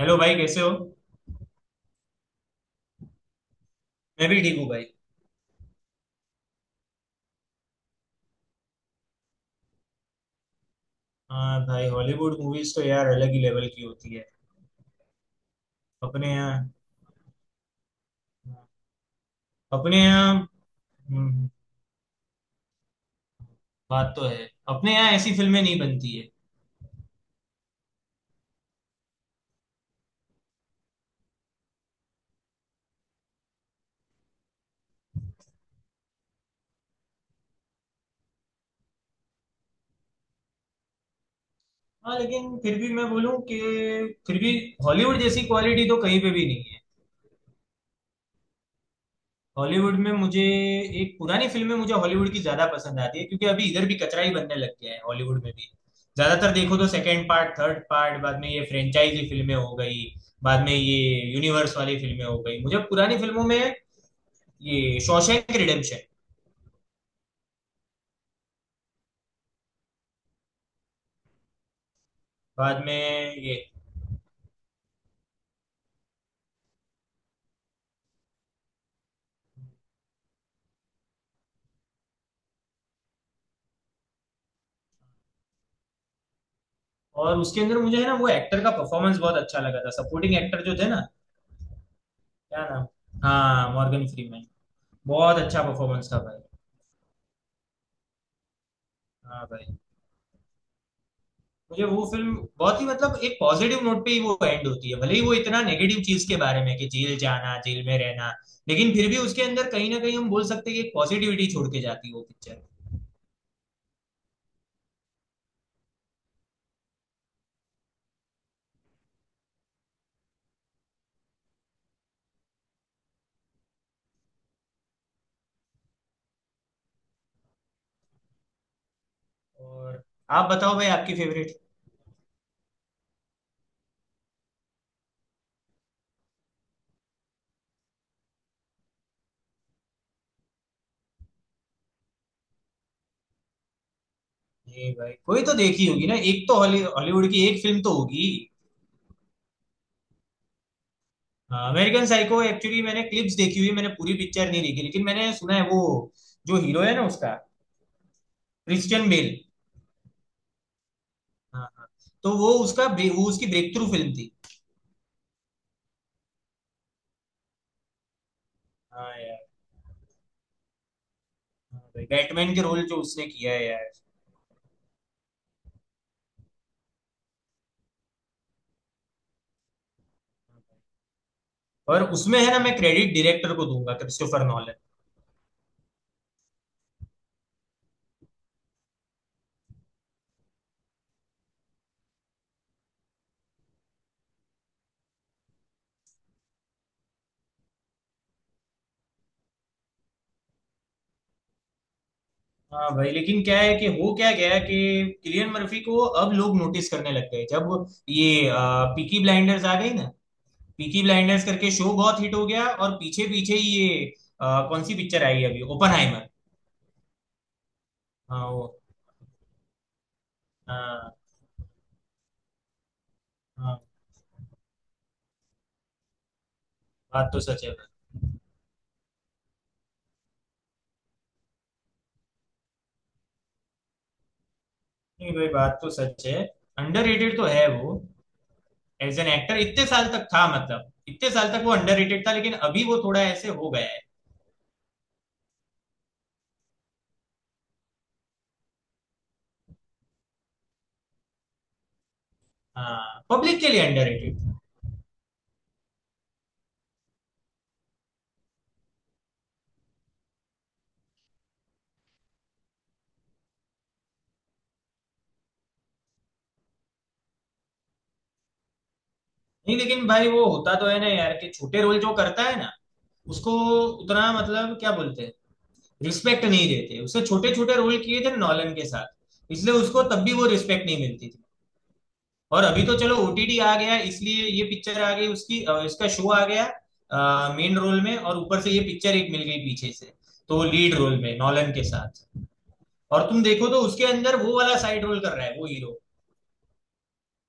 Hello भाई कैसे हो? मैं भी ठीक हूँ भाई। हाँ भाई, हॉलीवुड मूवीज तो यार अलग ही लेवल की होती है। अपने यहाँ अपने यहाँ हम्म। बात तो है। अपने यहाँ ऐसी फिल्में नहीं बनती है। हाँ, लेकिन फिर भी मैं बोलूँ कि फिर भी हॉलीवुड जैसी क्वालिटी तो कहीं पे भी नहीं है। हॉलीवुड में मुझे एक पुरानी फिल्म में मुझे हॉलीवुड की ज्यादा पसंद आती है क्योंकि अभी इधर भी कचरा ही बनने लग गया है हॉलीवुड में भी। ज्यादातर देखो तो सेकंड पार्ट थर्ड पार्ट, बाद में ये फ्रेंचाइजी फिल्में हो गई। बाद में ये यूनिवर्स वाली फिल्में हो गई। मुझे पुरानी फिल्मों में ये शॉशैंक रिडेम्पशन। बाद में ये और उसके अंदर मुझे है ना, वो एक्टर का परफॉर्मेंस बहुत अच्छा लगा था, सपोर्टिंग एक्टर जो थे ना। क्या नाम? हाँ, मॉर्गन फ्रीमैन। बहुत अच्छा परफॉर्मेंस था भाई। हाँ भाई। मुझे वो फिल्म बहुत ही, मतलब एक पॉजिटिव नोट पे ही वो एंड होती है, भले ही वो इतना नेगेटिव चीज के बारे में कि जेल जाना, जेल में रहना। लेकिन फिर भी उसके अंदर कहीं ना कहीं हम बोल सकते हैं कि एक पॉजिटिविटी छोड़ के जाती है वो पिक्चर। और आप बताओ भाई, आपकी फेवरेट? ये भाई, कोई तो देखी होगी ना, एक तो हॉलीवुड की एक फिल्म तो होगी। अमेरिकन साइको एक्चुअली मैंने क्लिप्स देखी हुई, मैंने पूरी पिक्चर नहीं देखी, लेकिन मैंने सुना है वो जो हीरो है ना उसका, क्रिश्चियन बेल। हाँ, हाँ। तो वो उसकी ब्रेक थ्रू फिल्म थी। हाँ यार। बैटमैन के रोल जो उसने किया है यार। और उसमें है ना, मैं क्रेडिट डायरेक्टर को दूंगा, क्रिस्टोफर नॉलन। हाँ भाई। लेकिन क्या है कि, हो क्या गया कि किलियन मर्फी को अब लोग नोटिस करने लग गए जब ये पीकी ब्लाइंडर्स आ गई ना। पीकी ब्लाइंडर्स करके शो बहुत हिट हो गया और पीछे पीछे ये कौन सी पिक्चर आई है अभी, ओपनहाइमर। हाँ वो। हाँ। हाँ। बात तो सच है भाई। नहीं भाई, बात तो सच है। अंडररेटेड तो है वो। एज एन एक्टर इतने साल तक था, मतलब इतने साल तक वो अंडररेटेड था, लेकिन अभी वो थोड़ा ऐसे हो गया है। हाँ, पब्लिक के लिए अंडररेटेड। नहीं लेकिन भाई, वो होता तो है ना यार कि छोटे रोल जो करता है ना उसको उतना, मतलब क्या बोलते हैं, रिस्पेक्ट नहीं देते। उसने छोटे छोटे रोल किए थे नॉलन के साथ, इसलिए उसको तब भी वो रिस्पेक्ट नहीं मिलती थी। और अभी तो चलो ओटीटी आ गया, इसलिए ये पिक्चर आ गई उसकी, इसका शो आ गया मेन रोल में, और ऊपर से ये पिक्चर एक मिल गई पीछे से। तो लीड रोल में नॉलन के साथ, और तुम देखो तो उसके अंदर वो वाला साइड रोल कर रहा है वो हीरो।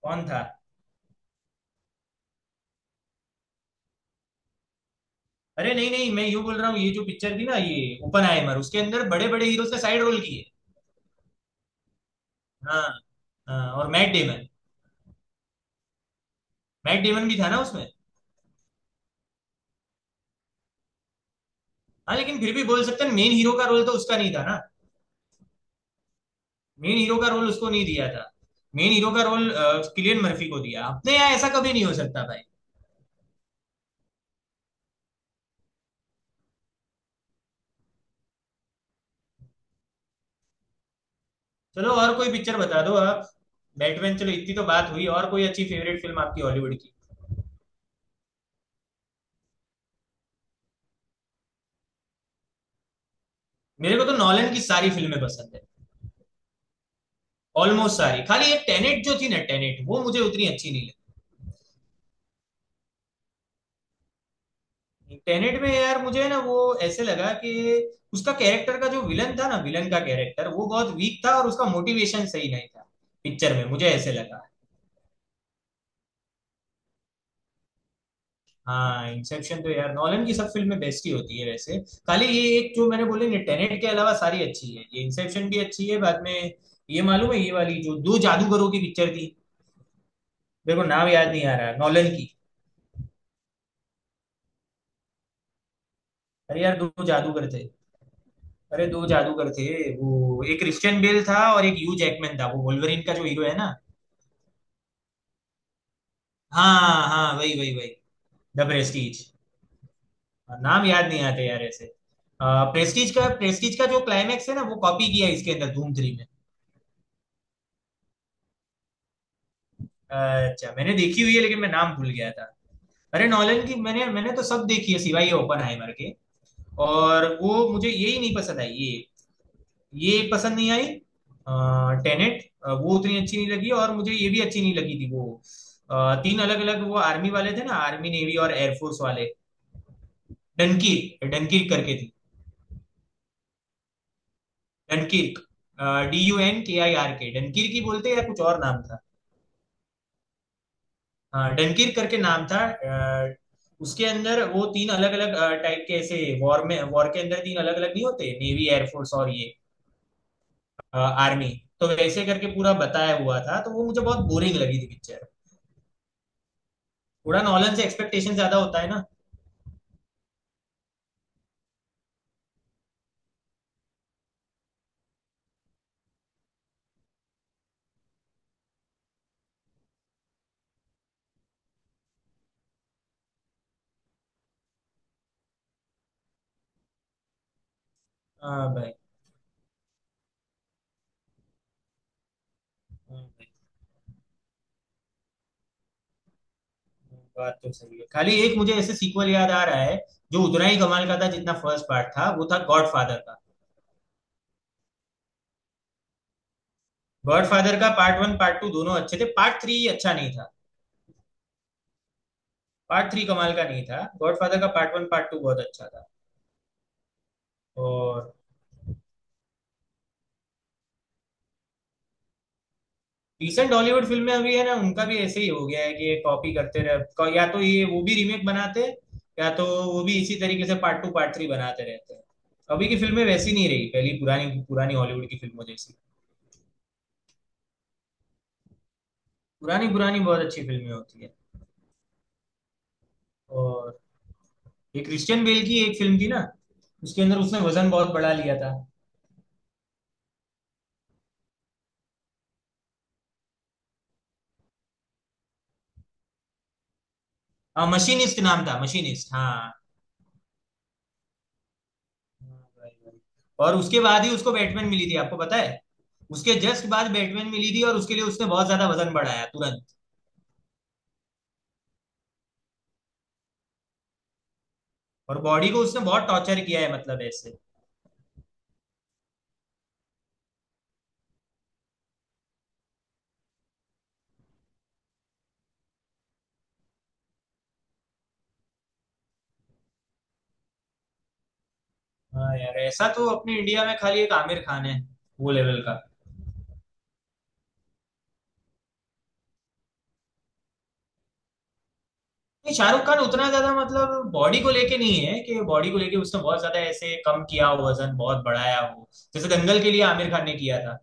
कौन था? अरे नहीं नहीं, मैं यूं बोल रहा हूँ, ये जो पिक्चर थी ना ये ओपनहाइमर, उसके अंदर बड़े बड़े हीरोज ने साइड रोल किए। हाँ, हाँ, और मैट डेमन। मैट डेमन भी था ना उसमें? हाँ, लेकिन फिर भी बोल सकते हैं मेन हीरो का रोल तो उसका नहीं था ना। मेन हीरो का रोल उसको नहीं दिया था। मेन हीरो का रोल किलियन मर्फी को दिया, अपने यहाँ ऐसा कभी नहीं हो सकता भाई। चलो, और कोई पिक्चर बता दो आप। बैटमैन, चलो इतनी तो बात हुई, और कोई अच्छी फेवरेट फिल्म आपकी हॉलीवुड की? मेरे को तो नॉलन की सारी फिल्में पसंद है। ऑलमोस्ट सारी, खाली ये टेनेट जो थी ना, टेनेट वो मुझे उतनी अच्छी नहीं लगी। टेनेट में यार मुझे ना वो ऐसे लगा कि उसका कैरेक्टर का, जो विलन था ना, विलन का कैरेक्टर वो बहुत वीक था और उसका मोटिवेशन सही नहीं था पिक्चर में, मुझे ऐसे लगा। हाँ, इंसेप्शन तो यार नॉलन की सब फिल्में बेस्ट ही होती है वैसे। खाली ये एक जो मैंने बोले ना, टेनेट के अलावा सारी अच्छी है, ये इंसेप्शन भी अच्छी है। बाद में ये मालूम है, ये वाली जो दो जादूगरों की पिक्चर थी, मेरे को नाम याद नहीं आ रहा, नॉलन की। अरे यार, दो जादूगर थे। अरे दो जादूगर थे, वो एक क्रिश्चियन बेल था और एक ह्यू जैकमैन था, वो वोल्वरिन का जो हीरो है ना। हाँ, हाँ, वही वही वही। The Prestige. नाम याद नहीं आते यार ऐसे। प्रेस्टीज का जो क्लाइमैक्स है ना, वो कॉपी किया इसके अंदर धूम थ्री में। अच्छा, मैंने देखी हुई है लेकिन मैं नाम भूल गया था। अरे नॉलन की, मैंने मैंने तो सब देखी है सिवाय ये ओपनहाइमर के। और वो मुझे यही नहीं पसंद आई, ये। ये पसंद नहीं आई। टेनेट। वो उतनी अच्छी नहीं लगी, और मुझे ये भी अच्छी नहीं लगी थी वो, तीन अलग अलग, वो आर्मी वाले थे ना, आर्मी नेवी और एयरफोर्स वाले। डनकीर्क, डनकीर्क करके थी। डनकीर्क, Dunkirk, डनकीर्क ही बोलते हैं या कुछ और नाम था? हाँ, डनकीर्क करके नाम था। अ, उसके अंदर वो तीन अलग अलग टाइप के ऐसे, वॉर के अंदर तीन अलग अलग नहीं होते, नेवी एयरफोर्स और ये आर्मी। तो वैसे करके पूरा बताया हुआ था, तो वो मुझे बहुत बोरिंग लगी थी पिक्चर। थोड़ा नॉलेज से एक्सपेक्टेशन ज्यादा होता है ना। हाँ भाई। हाँ भाई। बात तो सही है, खाली एक मुझे ऐसे सीक्वल याद आ रहा है जो उतना ही कमाल का था जितना फर्स्ट पार्ट था, वो था गॉड फादर का। गॉड फादर का पार्ट वन, पार्ट टू दोनों अच्छे थे, पार्ट थ्री अच्छा नहीं था। पार्ट थ्री कमाल का नहीं था, गॉड फादर का पार्ट वन, पार्ट टू बहुत अच्छा था। और रिसेंट हॉलीवुड फिल्में अभी है ना, उनका भी ऐसे ही हो गया है कि ये कॉपी करते रहे, या तो ये, वो भी रीमेक बनाते हैं, या तो वो भी इसी तरीके से पार्ट टू पार्ट थ्री बनाते रहते हैं। अभी की फिल्में वैसी नहीं रही पहली, पुरानी पुरानी हॉलीवुड की फिल्मों जैसी। पुरानी पुरानी बहुत अच्छी फिल्में होती है। और ये क्रिश्चियन बेल की एक फिल्म थी ना, उसके अंदर उसने वजन बहुत बढ़ा लिया था। हाँ, मशीनिस्ट नाम था, मशीनिस्ट। हाँ। हाँ भाई, भाई। और उसके बाद ही उसको बैटमैन मिली थी, आपको पता है। उसके जस्ट बाद बैटमैन मिली थी और उसके लिए उसने बहुत ज्यादा वजन बढ़ाया तुरंत। और बॉडी को उसने बहुत टॉर्चर किया है, मतलब ऐसे। हाँ यार, ऐसा तो अपने इंडिया में खाली एक आमिर खान है वो लेवल का। नहीं, शाहरुख खान उतना ज्यादा मतलब बॉडी को लेके नहीं है कि बॉडी को लेके उसने बहुत ज्यादा ऐसे कम किया हो, वजन बहुत बढ़ाया हो। जैसे दंगल के लिए आमिर खान ने किया था।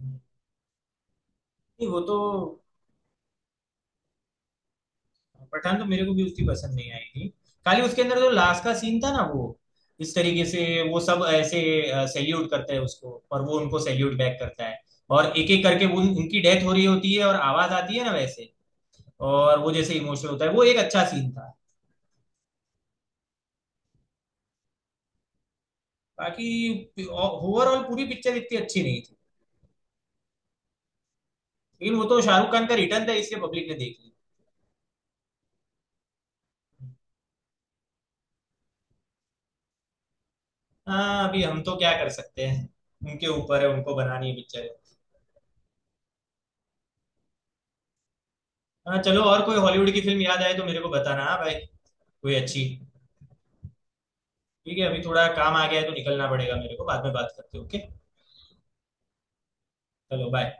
नहीं। वो तो। पठान तो मेरे को भी उसकी पसंद नहीं आई थी। खाली उसके अंदर जो लास्ट का सीन था ना, वो इस तरीके से वो सब ऐसे सैल्यूट करते हैं उसको, और वो उनको सैल्यूट बैक करता है, और एक एक करके वो उनकी डेथ हो रही होती है, और आवाज आती है ना वैसे। और वो जैसे इमोशनल होता है, वो एक अच्छा सीन था। बाकी ओवरऑल पूरी पिक्चर इतनी अच्छी नहीं थी। लेकिन वो तो शाहरुख खान का रिटर्न था, इसलिए पब्लिक ने देख ली। हाँ, अभी हम तो क्या कर सकते हैं, उनके ऊपर है, उनको बनानी है पिक्चर। हाँ चलो, और कोई हॉलीवुड की फिल्म याद आए तो मेरे को बताना, हाँ भाई। कोई अच्छी। ठीक है, अभी थोड़ा काम आ गया है तो निकलना पड़ेगा मेरे को, बाद में बात करते हैं, ओके? चलो बाय।